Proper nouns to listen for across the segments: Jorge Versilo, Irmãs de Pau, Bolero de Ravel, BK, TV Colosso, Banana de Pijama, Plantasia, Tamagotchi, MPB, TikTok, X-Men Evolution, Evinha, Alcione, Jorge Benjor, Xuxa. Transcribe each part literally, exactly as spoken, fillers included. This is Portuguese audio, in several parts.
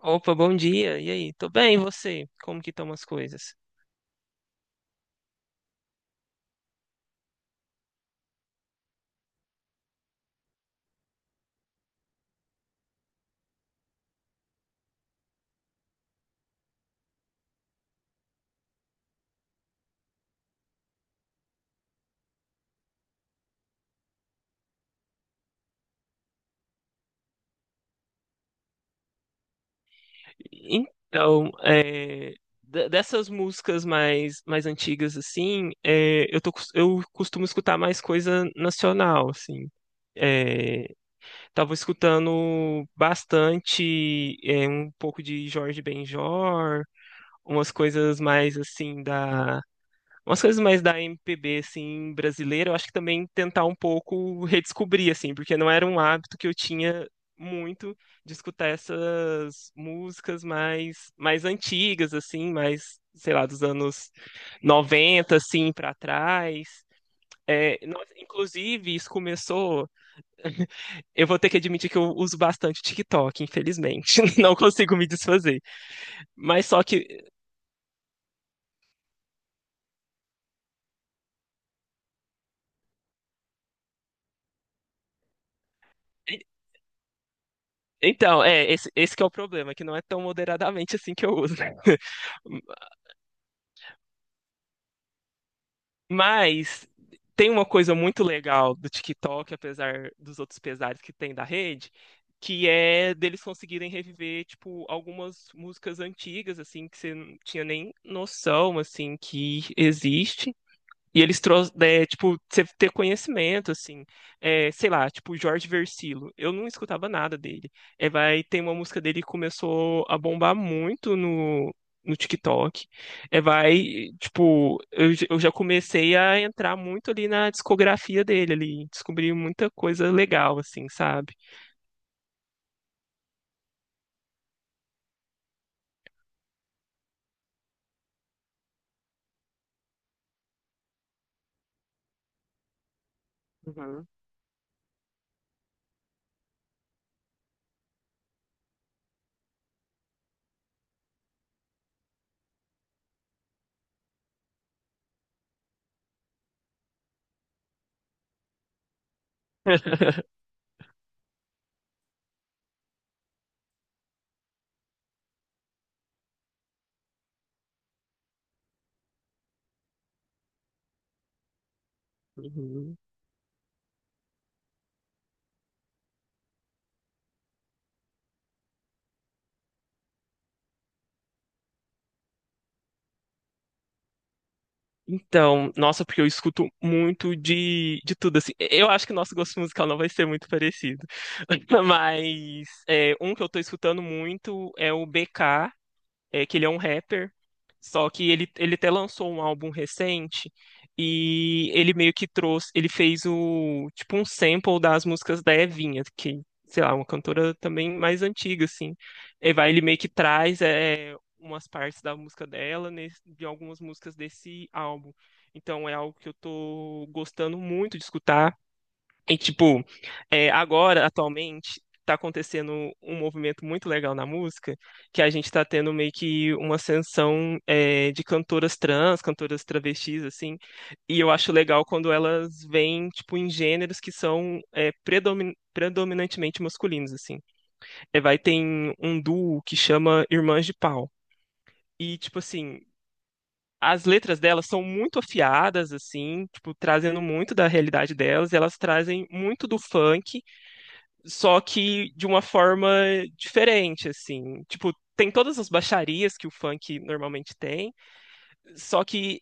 Opa, bom dia. E aí? Tô bem, e você? Como que estão as coisas? Então, é, de- Dessas músicas mais, mais antigas, assim, é, eu tô, cos- eu costumo escutar mais coisa nacional, assim. É, Tava escutando bastante, é, um pouco de Jorge Benjor, umas coisas mais, assim, da, umas coisas mais da M P B, assim, brasileira. Eu acho que também tentar um pouco redescobrir, assim, porque não era um hábito que eu tinha muito de escutar essas músicas mais, mais antigas, assim, mais, sei lá, dos anos noventa, assim, para trás. É, nossa, inclusive, isso começou. Eu vou ter que admitir que eu uso bastante o TikTok, infelizmente. Não consigo me desfazer. Mas só que Então, é, esse, esse que é o problema, que não é tão moderadamente assim que eu uso. Mas tem uma coisa muito legal do TikTok, apesar dos outros pesares que tem da rede, que é deles conseguirem reviver, tipo, algumas músicas antigas, assim, que você não tinha nem noção, assim, que existe. E eles trouxeram, né, tipo, você ter conhecimento, assim, é, sei lá, tipo, Jorge Versilo, eu não escutava nada dele. É, vai, tem uma música dele que começou a bombar muito no, no TikTok. É, vai, tipo, eu, j- eu já comecei a entrar muito ali na discografia dele, ali, descobri muita coisa legal, assim, sabe? Uhum. Então, nossa, porque eu escuto muito de, de tudo, assim. Eu acho que nosso gosto musical não vai ser muito parecido. Mas é, um que eu tô escutando muito é o B K, é, que ele é um rapper, só que ele, ele até lançou um álbum recente e ele meio que trouxe. Ele fez o, tipo, um sample das músicas da Evinha, que, sei lá, uma cantora também mais antiga, assim. E vai, ele meio que traz é, umas partes da música dela, nesse- de algumas músicas desse álbum. Então é algo que eu tô gostando muito de escutar. E, tipo, é, agora, atualmente, tá acontecendo um movimento muito legal na música, que a gente tá tendo meio que uma ascensão, é, de cantoras trans, cantoras travestis, assim, e eu acho legal quando elas vêm, tipo, em gêneros que são, é, predomin- predominantemente masculinos, assim. É, vai, tem um duo que chama Irmãs de Pau, e, tipo, assim... As letras delas são muito afiadas, assim, tipo, trazendo muito da realidade delas, e elas trazem muito do funk, só que de uma forma diferente, assim. Tipo, tem todas as baixarias que o funk normalmente tem, só que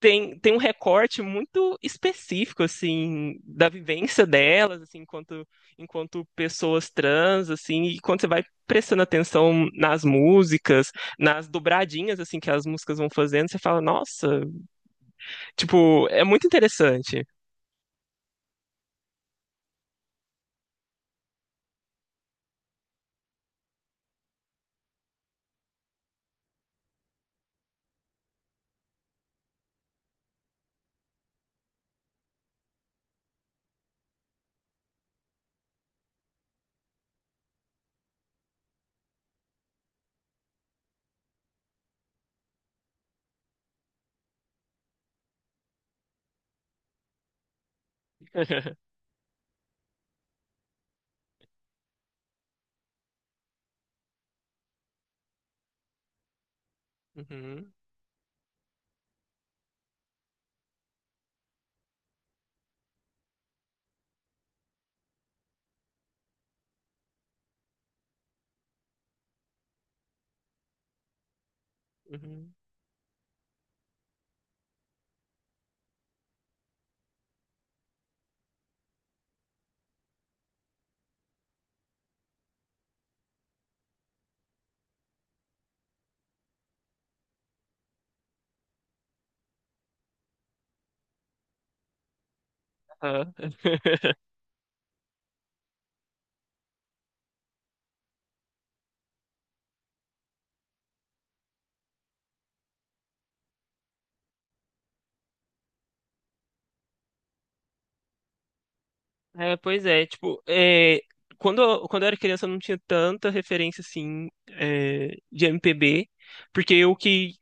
tem, tem um recorte muito específico, assim, da vivência delas, assim, enquanto, enquanto pessoas trans, assim, e quando você vai prestando atenção nas músicas, nas dobradinhas, assim, que as músicas vão fazendo, você fala, nossa, tipo, é muito interessante. Uhum, uhum, aham. É, pois é, tipo, é, quando, eu- quando eu era criança eu não tinha tanta referência, assim, é, de M P B, porque o que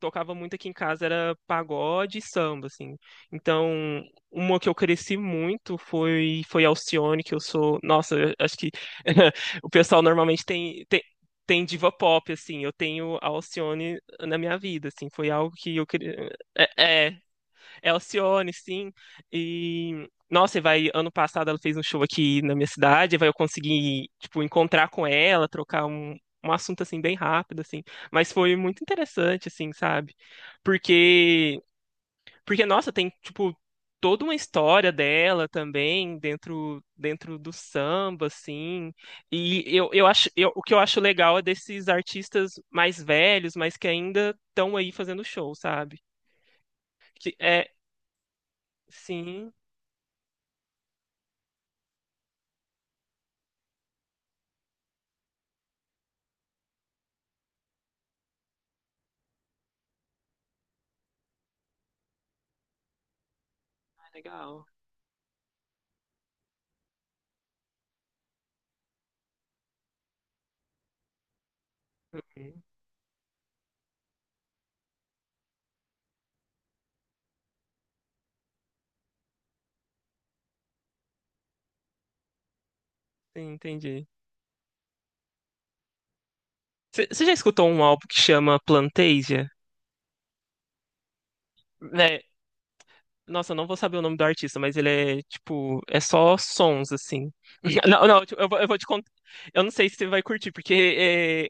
tocava muito aqui em casa era pagode e samba, assim. Então, uma que eu cresci muito foi, foi Alcione, que eu sou... Nossa, eu acho que o pessoal normalmente tem, tem, tem diva pop, assim, eu tenho a Alcione na minha vida, assim, foi algo que eu queria... é, é, é Alcione, sim. E, nossa, e vai, ano passado ela fez um show aqui na minha cidade, e vai eu consegui, tipo, encontrar com ela, trocar um, um assunto, assim, bem rápido, assim. Mas foi muito interessante, assim, sabe? Porque, porque, nossa, tem, tipo, toda uma história dela também dentro, dentro do samba, assim. E eu, eu acho, eu- o que eu acho legal é desses artistas mais velhos, mas que ainda estão aí fazendo show, sabe? Que é, sim, ah, legal. Hum, sim, entendi. Você já escutou um álbum que chama Plantasia? Né? Nossa, eu não vou saber o nome do artista, mas ele é tipo, é só sons assim. Não, não, tipo, eu vou, eu vou te contar. Eu não sei se você vai curtir, porque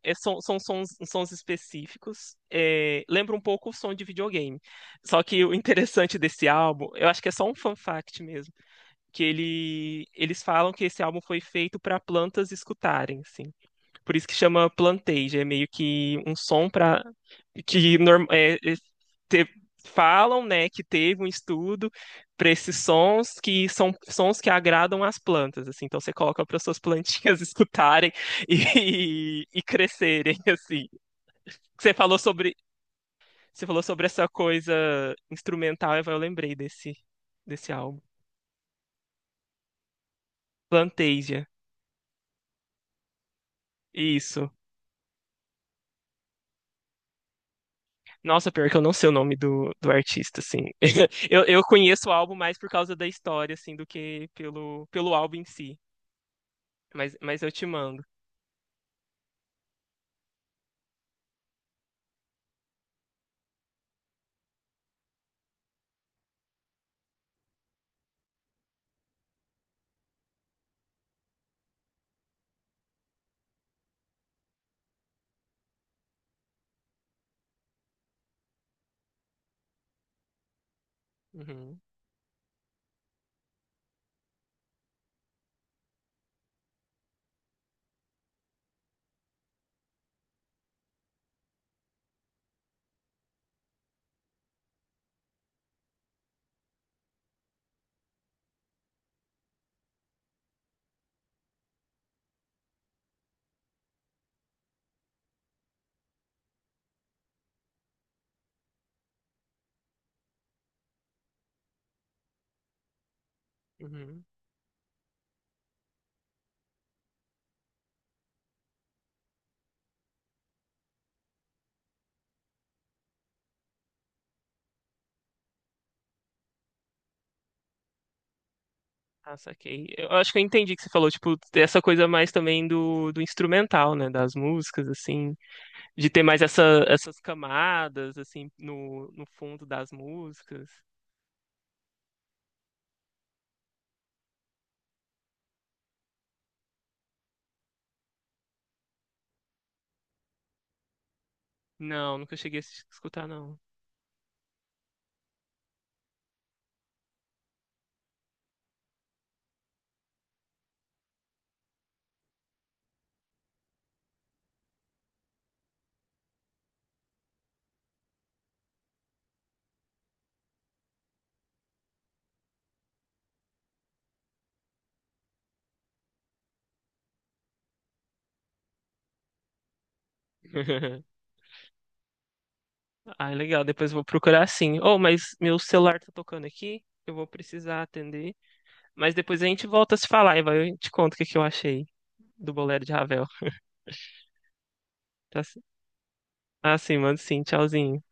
é, é som- são sons, sons específicos. É, lembra um pouco o som de videogame. Só que o interessante desse álbum, eu acho que é só um fun fact mesmo, que ele, eles falam que esse álbum foi feito para plantas escutarem, assim. Por isso que chama planteja, é meio que um som para que norm- é, é, te- falam, né, que teve um estudo para esses sons, que são sons que agradam as plantas, assim. Então você coloca para suas plantinhas escutarem e, e crescerem, assim. Você falou sobre você falou sobre essa coisa instrumental, eu lembrei desse desse álbum. Planteja. Isso. Nossa, pior que eu não sei o nome do, do artista, assim. Eu, eu conheço o álbum mais por causa da história, assim, do que pelo, pelo álbum em si. Mas, mas eu te mando. Uhum, uhum. Ah, saquei. Eu acho que eu entendi que você falou, tipo, dessa coisa mais também do, do instrumental, né? Das músicas, assim. De ter mais essa, essas camadas, assim, no, no fundo das músicas. Não, nunca cheguei a escutar, não. Ah, legal, depois eu vou procurar sim. Oh, mas meu celular tá tocando aqui, eu vou precisar atender. Mas depois a gente volta a se falar e vai, eu te conto o que que eu achei do Bolero de Ravel. Tá c- ah, sim, mando sim, tchauzinho.